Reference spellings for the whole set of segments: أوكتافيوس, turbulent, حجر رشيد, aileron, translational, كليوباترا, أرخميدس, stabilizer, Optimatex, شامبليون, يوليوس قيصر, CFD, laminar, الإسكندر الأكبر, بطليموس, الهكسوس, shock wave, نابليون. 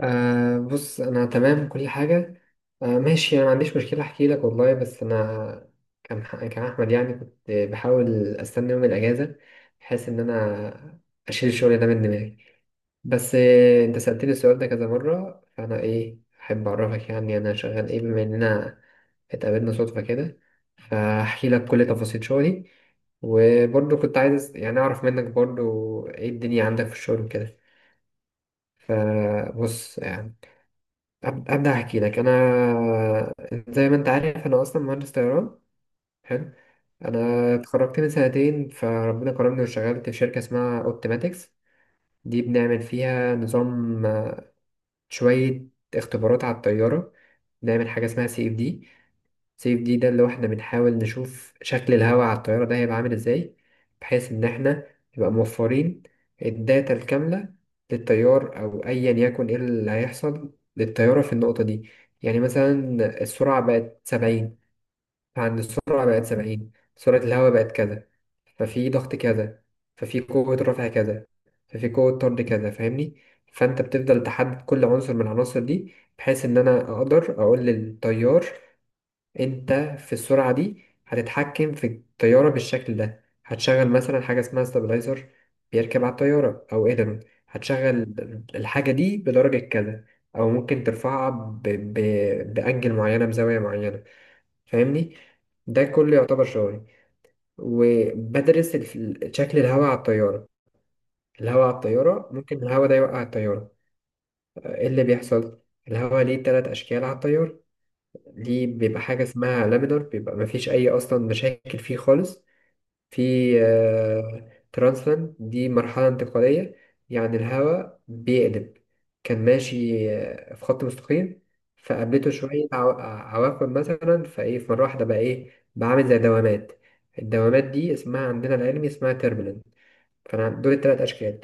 بص، انا تمام كل حاجه. آه، ماشي، انا ما عنديش مشكله احكي لك والله، بس انا كان احمد، يعني كنت بحاول استنى يوم الاجازه بحيث ان انا اشيل الشغل ده من دماغي. بس انت سالتني السؤال ده كذا مره، فانا ايه احب اعرفك، يعني انا شغال ايه، بما اننا اتقابلنا صدفه كده فاحكي لك كل تفاصيل شغلي. وبرضه كنت عايز يعني اعرف منك برضه ايه الدنيا عندك في الشغل وكده. فبص يعني أبدأ أحكي لك أنا، زي ما أنت عارف أنا أصلا مهندس طيران. حلو. أنا اتخرجت من سنتين فربنا كرمني واشتغلت في شركة اسمها أوبتيماتكس. دي بنعمل فيها نظام، شوية اختبارات على الطيارة. بنعمل حاجة اسمها CFD. سيف دي ده اللي هو احنا بنحاول نشوف شكل الهواء على الطيارة ده هيبقى عامل ازاي، بحيث ان احنا نبقى موفرين الداتا الكاملة للطيار او ايا يكن ايه اللي هيحصل للطيارة في النقطة دي. يعني مثلا السرعة بقت 70، فعند السرعة بقت 70 سرعة الهواء بقت كذا، ففي ضغط كذا، ففي قوة رفع كذا، ففي قوة طرد كذا. فاهمني؟ فانت بتفضل تحدد كل عنصر من العناصر دي بحيث ان انا اقدر اقول للطيار انت في السرعة دي هتتحكم في الطيارة بالشكل ده، هتشغل مثلا حاجة اسمها ستابلايزر بيركب على الطيارة او ايدرون. هتشغل الحاجة دي بدرجة كذا، او ممكن ترفعها بأنجل معينة، بزاوية معينة. فاهمني؟ ده كله يعتبر شغلي، وبدرس شكل الهواء على الطيارة. الهواء على الطيارة ممكن الهواء ده يوقع الطيارة. ايه اللي بيحصل؟ الهواء ليه 3 أشكال على الطيارة. ليه بيبقى حاجة اسمها لامينار، بيبقى مفيش أي أصلا مشاكل فيه خالص. في ترانسلاند، دي مرحلة انتقالية، يعني الهواء بيقلب. كان ماشي في خط مستقيم، فقابلته شوية عواقب مثلا، فإيه، في مرة واحدة بقى إيه، بقى عامل زي دوامات. الدوامات دي اسمها عندنا العلمي اسمها تربلنت. فأنا دول التلات أشكال.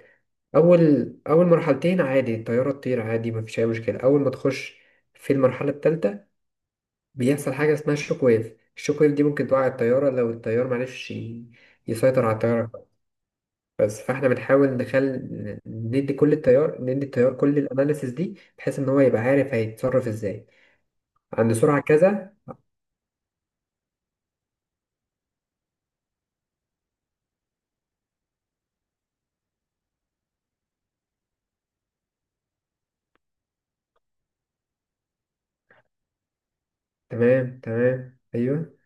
أول مرحلتين عادي الطيارة تطير عادي مفيش أي مشكلة. أول ما تخش في المرحلة التالتة بيحصل حاجة اسمها الشوك ويف. الشوك ويف دي ممكن توقع الطيارة لو الطيار معرفش يسيطر على الطيارة. بس فاحنا بنحاول ندي كل التيار، ندي التيار كل الاناليسيس دي بحيث ان هو يبقى عارف هيتصرف ازاي. عند سرعة كذا. تمام، تمام، ايوه.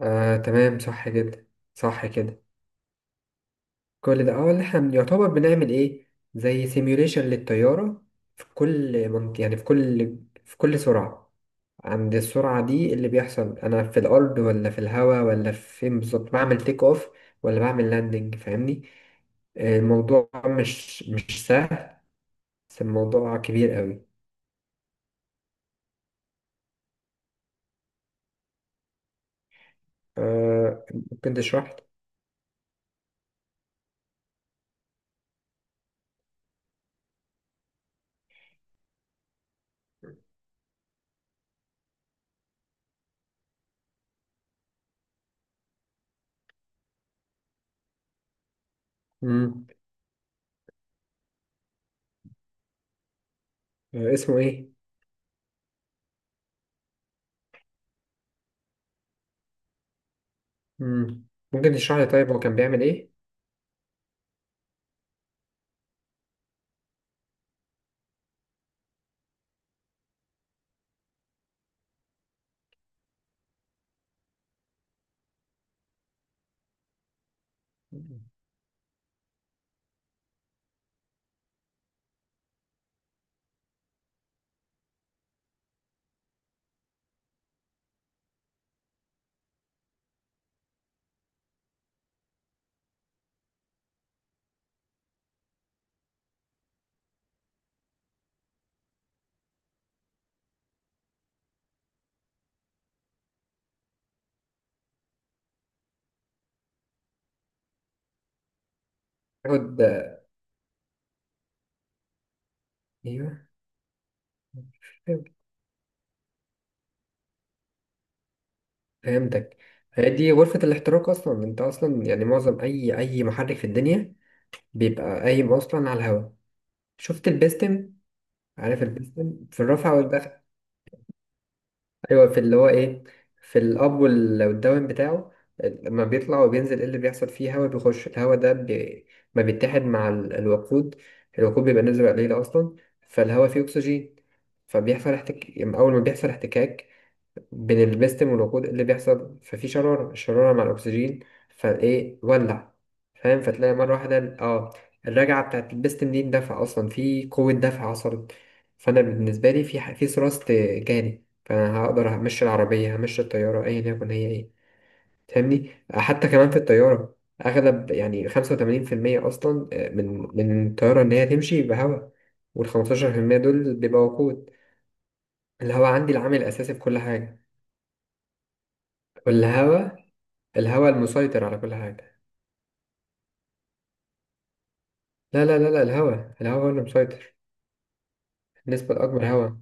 آه، تمام، صح جدا. صح كده. كل ده اه اللي احنا يعتبر بنعمل ايه، زي سيميوليشن للطيارة في كل منطقة، يعني في كل، في كل سرعة. عند السرعة دي اللي بيحصل أنا في الأرض ولا في الهواء ولا فين بالظبط، بعمل تيك أوف ولا بعمل لاندنج. فاهمني؟ الموضوع مش سهل. بس الموضوع كبير قوي. أه. ممكن تشرح لي. مم. اسمه إيه؟ مم. ممكن تشرح لي، طيب هو كان بيعمل إيه؟ ياخد. أيوه. فهمتك. هي دي غرفة الاحتراق أصلا، أنت أصلا يعني معظم أي محرك في الدنيا بيبقى قايم أصلا على الهواء. شفت البستم؟ عارف البستن في الرفع والدفع؟ ايوه، في اللي هو ايه، في الاب والداون بتاعه، لما بيطلع وبينزل ايه اللي بيحصل فيه؟ هوا بيخش، الهوا ده ما بيتحد مع الوقود. الوقود بيبقى نسبة قليلة اصلا، فالهوا فيه اكسجين. أما اول ما بيحصل احتكاك بين البستم والوقود اللي بيحصل ففي شرارة، الشرارة مع الأكسجين فإيه ولع. فاهم؟ فتلاقي مرة واحدة الرجعة بتاعت البستم دي اندفع، أصلا في قوة دفع حصلت. فأنا بالنسبة لي في في ثراست جالي، فأنا هقدر همشي العربية، همشي الطيارة أيا يكن هي إيه. فاهمني؟ حتى كمان في الطيارة أغلب يعني 85% أصلا، من الطيارة إن هي تمشي بهواء، والخمستاشر في المية دول بيبقى وقود. الهواء عندي العامل الأساسي في كل حاجة. والهوا، الهوا المسيطر على كل حاجة. لا لا لا لا، الهوا، الهوا هو اللي مسيطر. النسبة الأكبر هوا.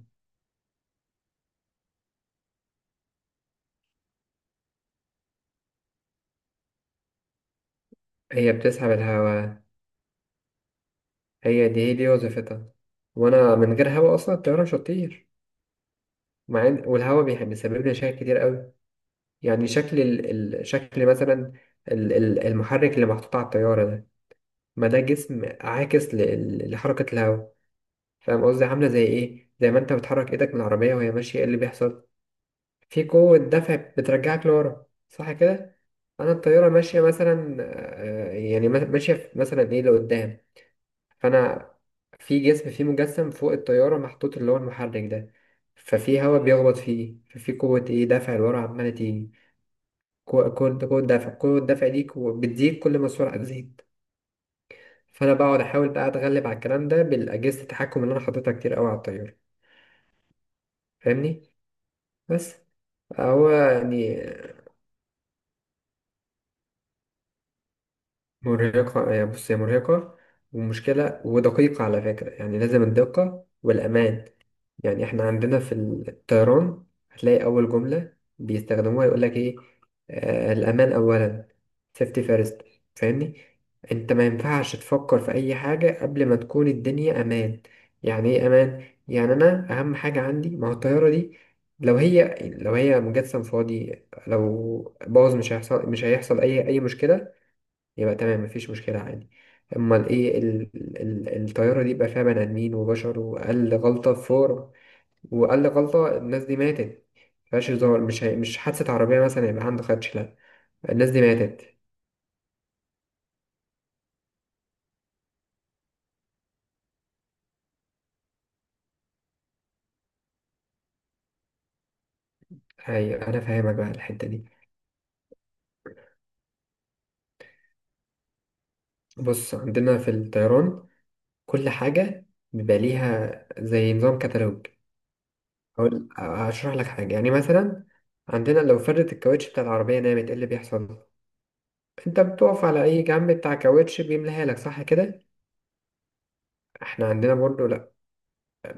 هي بتسحب الهوا. هي دي وظيفتها. وأنا من غير هوا أصلا الطيارة مش هتطير. مع إن والهوا بيسبب لي مشاكل كتير قوي. يعني شكل ال... ال... شكل مثلا ال... المحرك اللي محطوط على الطيارة ده، ما ده جسم عاكس ل... لحركة الهوا. فاهم قصدي؟ عاملة زي إيه؟ زي ما أنت بتحرك إيدك من العربية وهي ماشية إيه اللي بيحصل؟ في قوة دفع بترجعك لورا صح كده؟ أنا الطيارة ماشية مثلا يعني ماشية في مثلا إيه لقدام، فأنا في جسم، فيه مجسم فوق الطيارة محطوط اللي هو المحرك ده، ففي هواء بيخبط فيه، ففي قوة إيه دفع لورا عمالة تيجي. قوة دفع، قوة الدفع دي بتزيد كل ما السرعة تزيد. فأنا بقعد أحاول بقى أتغلب على الكلام ده بالأجهزة التحكم اللي أنا حاططها كتير أوي على الطيارة. فاهمني؟ بس. هو يعني، مرهقة. هي بص هي مرهقة ومشكلة، ودقيقة على فكرة، يعني لازم الدقة والأمان. يعني احنا عندنا في الطيران هتلاقي أول جملة بيستخدموها يقولك ايه، آه الأمان أولا، safety first. فاهمني؟ انت ما ينفعش تفكر في أي حاجة قبل ما تكون الدنيا أمان. يعني ايه أمان؟ يعني أنا أهم حاجة عندي ما هو الطيارة دي، لو هي مجسم فاضي، لو باظ مش هيحصل، مش هيحصل أي مشكلة، يبقى تمام مفيش مشكلة عادي. أمال إيه ال... ال... الطيارة دي بقى فيها بني آدمين وبشر، وأقل غلطة فور، وأقل غلطة الناس دي ماتت. مفيهاش هزار، مش حادثة عربية مثلا يبقى عنده خدش، لأ، الناس دي ماتت. أيوة، أنا فاهمك بقى الحتة دي. بص، عندنا في الطيران كل حاجة بيبقى ليها زي نظام كتالوج. هشرح لك حاجة يعني مثلا. عندنا لو فردت الكاوتش بتاع العربية نامت إيه اللي بيحصل؟ أنت بتقف على أي جنب بتاع كاوتش بيملاها لك صح كده؟ احنا عندنا برضو لا،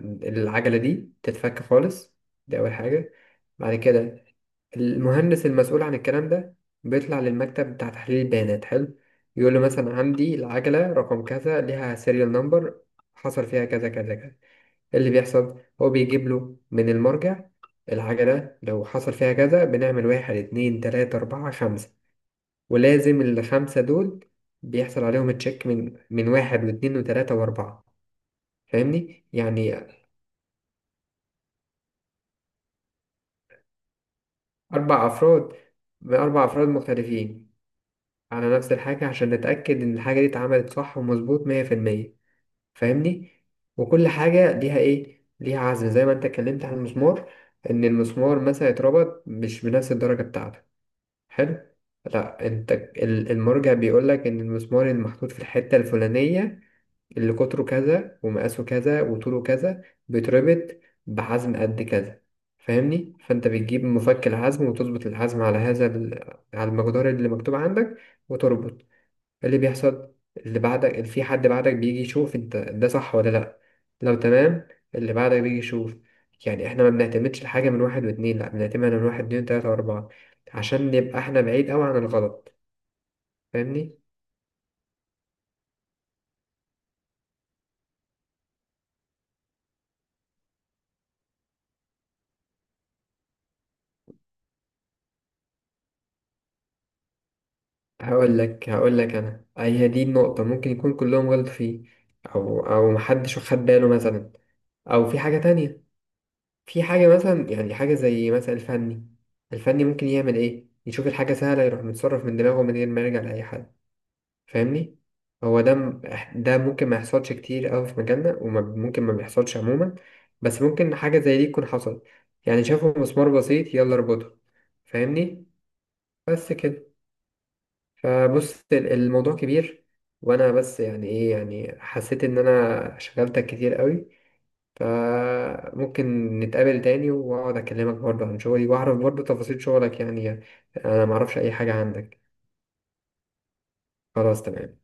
العجلة دي تتفك خالص. دي أول حاجة. بعد كده المهندس المسؤول عن الكلام ده بيطلع للمكتب بتاع تحليل البيانات، حلو، يقول له مثلا عندي العجلة رقم كذا ليها سيريال نمبر، حصل فيها كذا كذا كذا. إيه اللي بيحصل هو بيجيب له من المرجع، العجلة لو حصل فيها كذا بنعمل واحد اتنين تلاتة أربعة خمسة، ولازم الخمسة دول بيحصل عليهم تشيك من واحد واتنين وتلاتة وأربعة. فاهمني يعني؟ 4 أفراد، بأربع أفراد مختلفين على نفس الحاجة عشان نتأكد إن الحاجة دي اتعملت صح ومظبوط 100%. فاهمني؟ وكل حاجة ليها إيه؟ ليها عزم، زي ما أنت اتكلمت عن المسمار، إن المسمار مثلا اتربط مش بنفس الدرجة بتاعته. حلو؟ لأ أنت المرجع بيقولك إن المسمار المحطوط في الحتة الفلانية اللي قطره كذا ومقاسه كذا وطوله كذا بيتربط بحزم قد كذا. فاهمني؟ فانت بتجيب مفك الحزم وتظبط الحزم على هذا ال... على المقدار اللي مكتوب عندك وتربط. اللي بيحصل اللي بعدك، اللي في حد بعدك بيجي يشوف انت ده صح ولا لا. لو تمام اللي بعدك بيجي يشوف. يعني احنا ما بنعتمدش الحاجة من واحد واتنين، لا بنعتمد من واحد اتنين تلاتة واربعة عشان نبقى احنا بعيد اوي عن الغلط. فاهمني؟ هقول لك انا، أي هي دي النقطة، ممكن يكون كلهم غلط فيه، او محدش خد باله مثلا، او في حاجة تانية، في حاجة مثلا يعني حاجة زي مثلا الفني. الفني ممكن يعمل ايه، يشوف الحاجة سهلة يروح متصرف من دماغه من غير ما يرجع لأي حد. فاهمني؟ هو ده ده ممكن ما يحصلش كتير أوي في مجالنا، وممكن ما بيحصلش عموما. بس ممكن حاجة زي دي تكون حصلت، يعني شافوا مسمار بسيط، يلا اربطه. فاهمني؟ بس كده. فبص الموضوع كبير، وانا بس يعني ايه، يعني حسيت ان انا شغلتك كتير قوي، فممكن نتقابل تاني واقعد اكلمك برضه عن شغلي واعرف برضه تفاصيل شغلك، يعني يعني انا معرفش اي حاجة عندك. خلاص، تمام.